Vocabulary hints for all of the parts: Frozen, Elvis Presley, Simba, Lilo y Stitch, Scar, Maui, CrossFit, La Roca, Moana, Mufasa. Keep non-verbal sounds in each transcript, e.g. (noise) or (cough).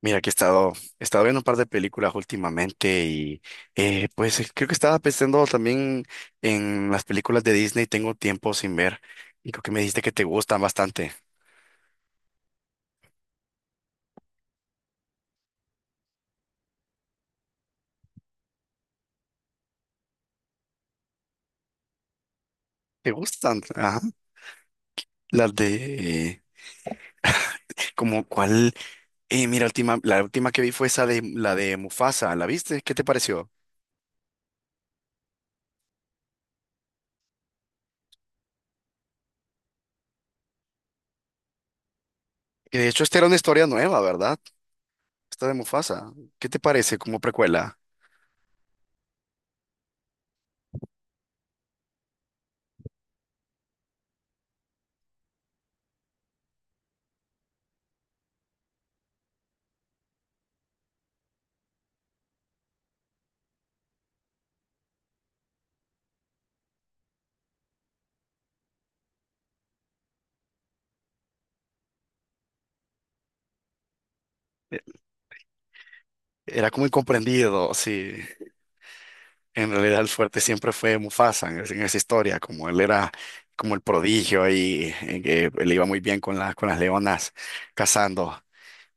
Mira que he estado viendo un par de películas últimamente y creo que estaba pensando también en las películas de Disney, tengo tiempo sin ver y creo que me dijiste que te gustan bastante. ¿Te gustan? Ajá. Las de, como cuál, mira, la última que vi fue esa de la de Mufasa, ¿la viste? ¿Qué te pareció? Que de hecho esta era una historia nueva, ¿verdad? Esta de Mufasa, ¿qué te parece como precuela? Era como incomprendido, sí. En realidad el fuerte siempre fue Mufasa en esa historia, como él era como el prodigio y, que le iba muy bien con las leonas cazando.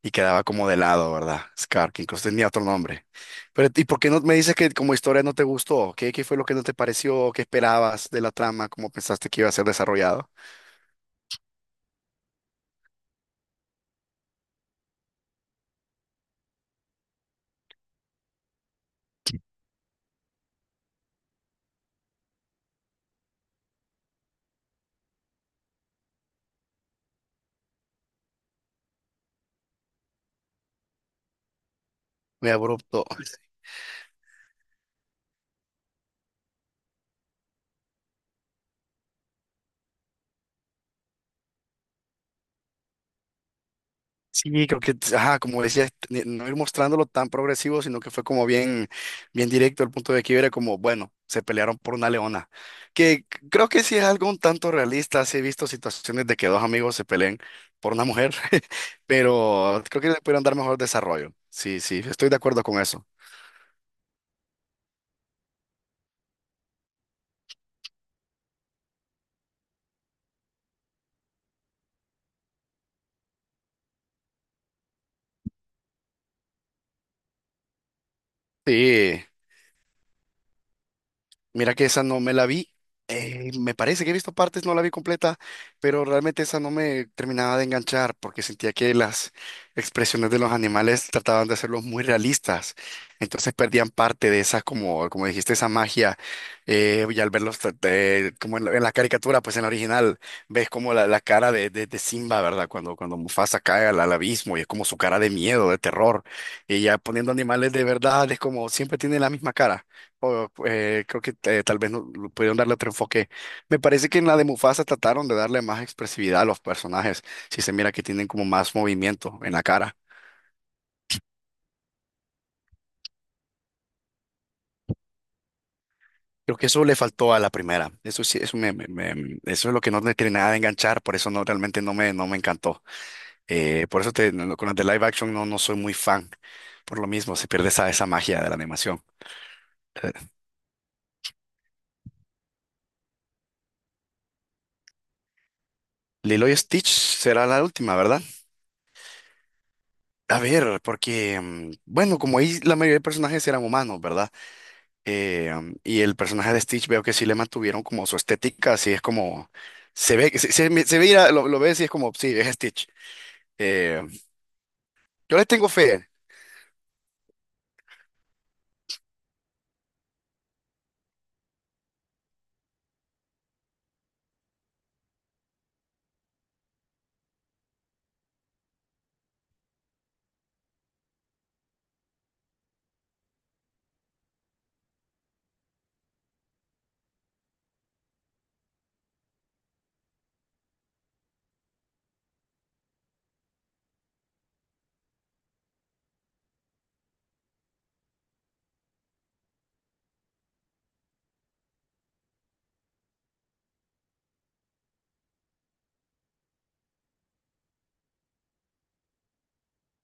Y quedaba como de lado, ¿verdad? Scar, que incluso tenía otro nombre. Pero, ¿y por qué no me dices que como historia no te gustó? ¿Qué, qué fue lo que no te pareció? ¿Qué esperabas de la trama? ¿Cómo pensaste que iba a ser desarrollado? Muy abrupto. Sí, creo que, ajá, como decías, no ir mostrándolo tan progresivo, sino que fue como bien, bien directo el punto de que era como, bueno, se pelearon por una leona, que creo que sí es algo un tanto realista, sí he visto situaciones de que dos amigos se peleen por una mujer, (laughs) pero creo que le pudieron dar mejor desarrollo, sí, sí, estoy de acuerdo con eso. Sí, mira que esa no me la vi. Me parece que he visto partes, no la vi completa, pero realmente esa no me terminaba de enganchar porque sentía que las expresiones de los animales trataban de hacerlos muy realistas. Entonces perdían parte de esa, como, como dijiste, esa magia. Y al verlos como en la caricatura, pues en la original, ves como la cara de Simba, ¿verdad? Cuando, cuando Mufasa cae al, al abismo y es como su cara de miedo, de terror. Y ya poniendo animales de verdad, es como siempre tiene la misma cara o, creo que tal vez no, lo pudieron darle otro enfoque. Me parece que en la de Mufasa trataron de darle más expresividad a los personajes. Si se mira que tienen como más movimiento en la cara. Creo que eso le faltó a la primera. Eso sí, eso es lo que no me tiene nada de enganchar. Por eso no, realmente no me, no me encantó. Por eso no, con las de live action no, no soy muy fan. Por lo mismo, se pierde esa, esa magia de la animación. Eh, Lilo y Stitch será la última, ¿verdad? A ver, porque, mm, bueno, como ahí la mayoría de personajes eran humanos, ¿verdad? Y el personaje de Stitch veo que sí le mantuvieron como su estética, así es como se ve, se ve, lo ves y es como, sí, es Stitch. Eh, yo le tengo fe.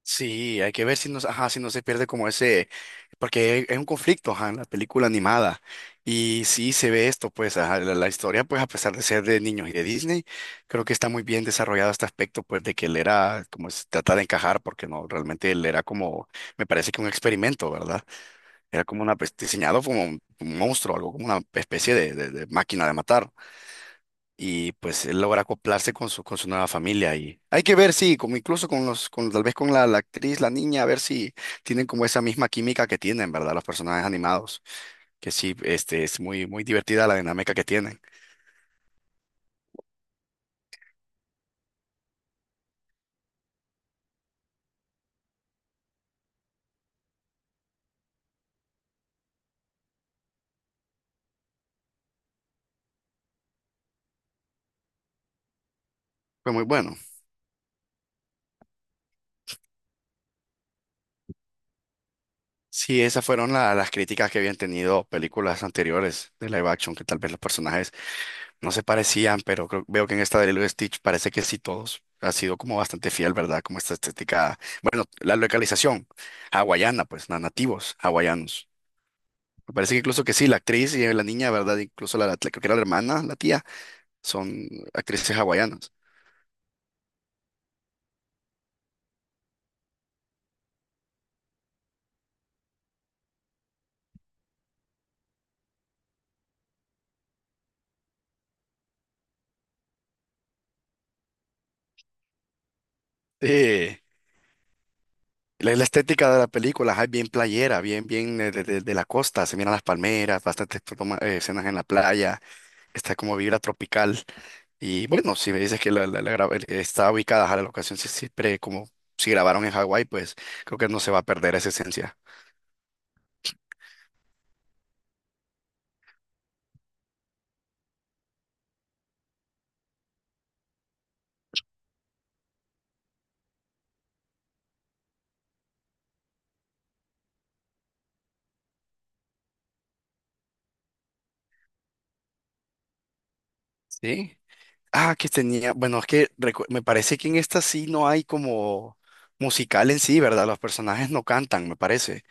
Sí, hay que ver si no, ajá, si no se pierde como ese, porque es un conflicto, ajá, en la película animada. Y sí se ve esto, pues, ajá, la historia, pues, a pesar de ser de niños y de Disney, creo que está muy bien desarrollado este aspecto, pues, de que él era, como se trata de encajar, porque no, realmente él era como, me parece que un experimento, ¿verdad? Era como una, pues, diseñado como un monstruo, algo como una especie de, de máquina de matar. Y pues él logra acoplarse con su nueva familia. Y hay que ver, si como incluso con los, con, tal vez con la, la actriz, la niña, a ver si tienen como esa misma química que tienen, ¿verdad? Los personajes animados. Que sí, este, es muy, muy divertida la dinámica que tienen. Fue muy bueno. Sí, esas fueron las críticas que habían tenido películas anteriores de live action, que tal vez los personajes no se parecían, pero veo que en esta de Lilo y Stitch parece que sí todos ha sido como bastante fiel, ¿verdad? Como esta estética, bueno, la localización hawaiana, pues, nativos hawaianos. Me parece que incluso que sí, la actriz y la niña, ¿verdad? Incluso la, creo que era la hermana, la tía, son actrices hawaianas. Sí. La estética de la película es bien playera, bien, bien de, de la costa, se miran las palmeras, bastantes escenas en la playa, está como vibra tropical. Y bueno, si me dices que la, está ubicada a la locación, siempre como si grabaron en Hawái, pues creo que no se va a perder esa esencia. Sí. Ah, que tenía, bueno, es que me parece que en esta sí no hay como musical en sí, ¿verdad? Los personajes no cantan, me parece.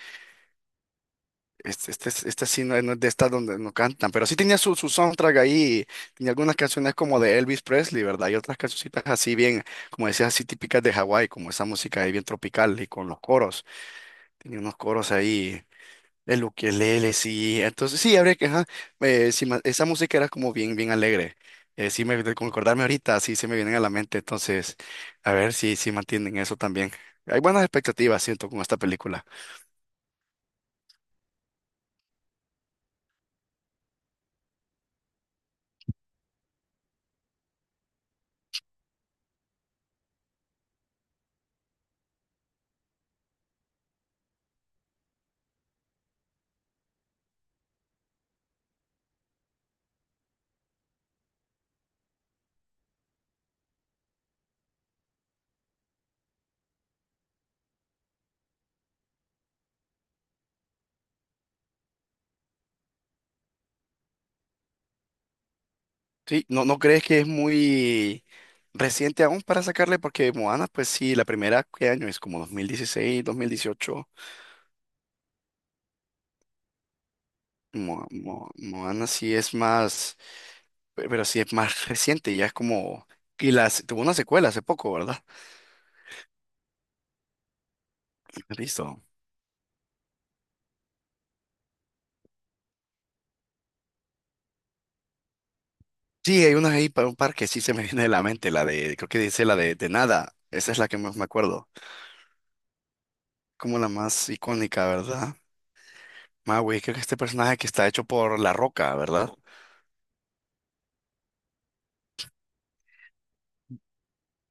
Este, esta sí no, es no es de estas donde no cantan, pero sí tenía su, su soundtrack ahí, tenía algunas canciones como de Elvis Presley, ¿verdad? Y otras cancioncitas así bien, como decías, así típicas de Hawái, como esa música ahí bien tropical y con los coros. Tenía unos coros ahí el ukelele, sí. Entonces, sí, habría que, ajá, sí, esa música era como bien, bien alegre. Sí, me, con acordarme ahorita, sí, se me vienen a la mente. Entonces, a ver si, si mantienen eso también. Hay buenas expectativas, siento, con esta película. Sí, ¿no, no crees que es muy reciente aún para sacarle? Porque Moana, pues sí, la primera, ¿qué año es? Como 2016, 2018. Moana sí es más, pero sí es más reciente, ya es como... Y las, tuvo una secuela hace poco, ¿verdad? Listo. Sí, hay una ahí para un par que sí se me (laughs) viene de la mente, la de, creo que dice la de nada. Esa es la que más me acuerdo. Como la más icónica, ¿verdad? Maui, creo que este personaje que está hecho por La Roca, ¿verdad?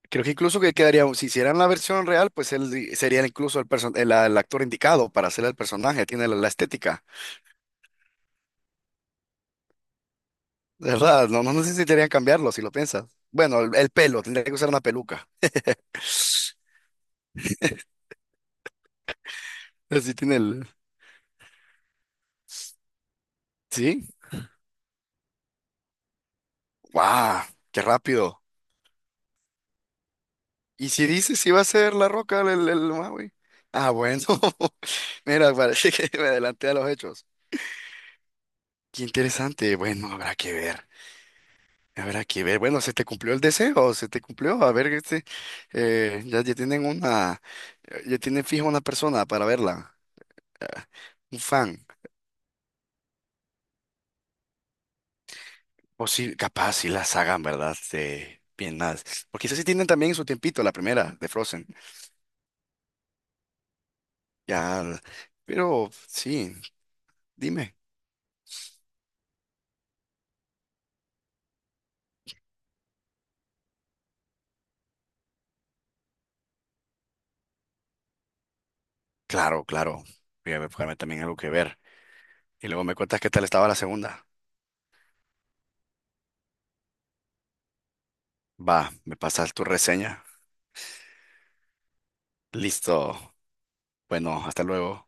Creo que incluso que quedaría, si hicieran la versión real, pues él sería incluso el, el actor indicado para hacer el personaje, tiene la, la estética, ¿verdad? No, no necesitarían cambiarlo si lo piensas. Bueno, el pelo, tendría que usar una peluca. (laughs) Así tiene el... ¿Sí? ¡Guau! ¡Qué rápido! Y si dices si va a ser La Roca el, Maui. Ah, bueno. (laughs) Mira, parece que me adelanté a los hechos. Qué interesante. Bueno, habrá que ver. Habrá que ver. Bueno, se te cumplió el deseo, se te cumplió. A ver, este, ya, ya tienen una, ya tienen fija una persona para verla. Ah, un fan. O sí, capaz si las hagan, ¿verdad? De bien más. O quizás sí tienen también su tiempito, la primera de Frozen. Ya, pero sí, dime. Claro, claro. Voy a buscarme también algo que ver. Y luego me cuentas qué tal estaba la segunda. Va, me pasas tu reseña. Listo. Bueno, hasta luego.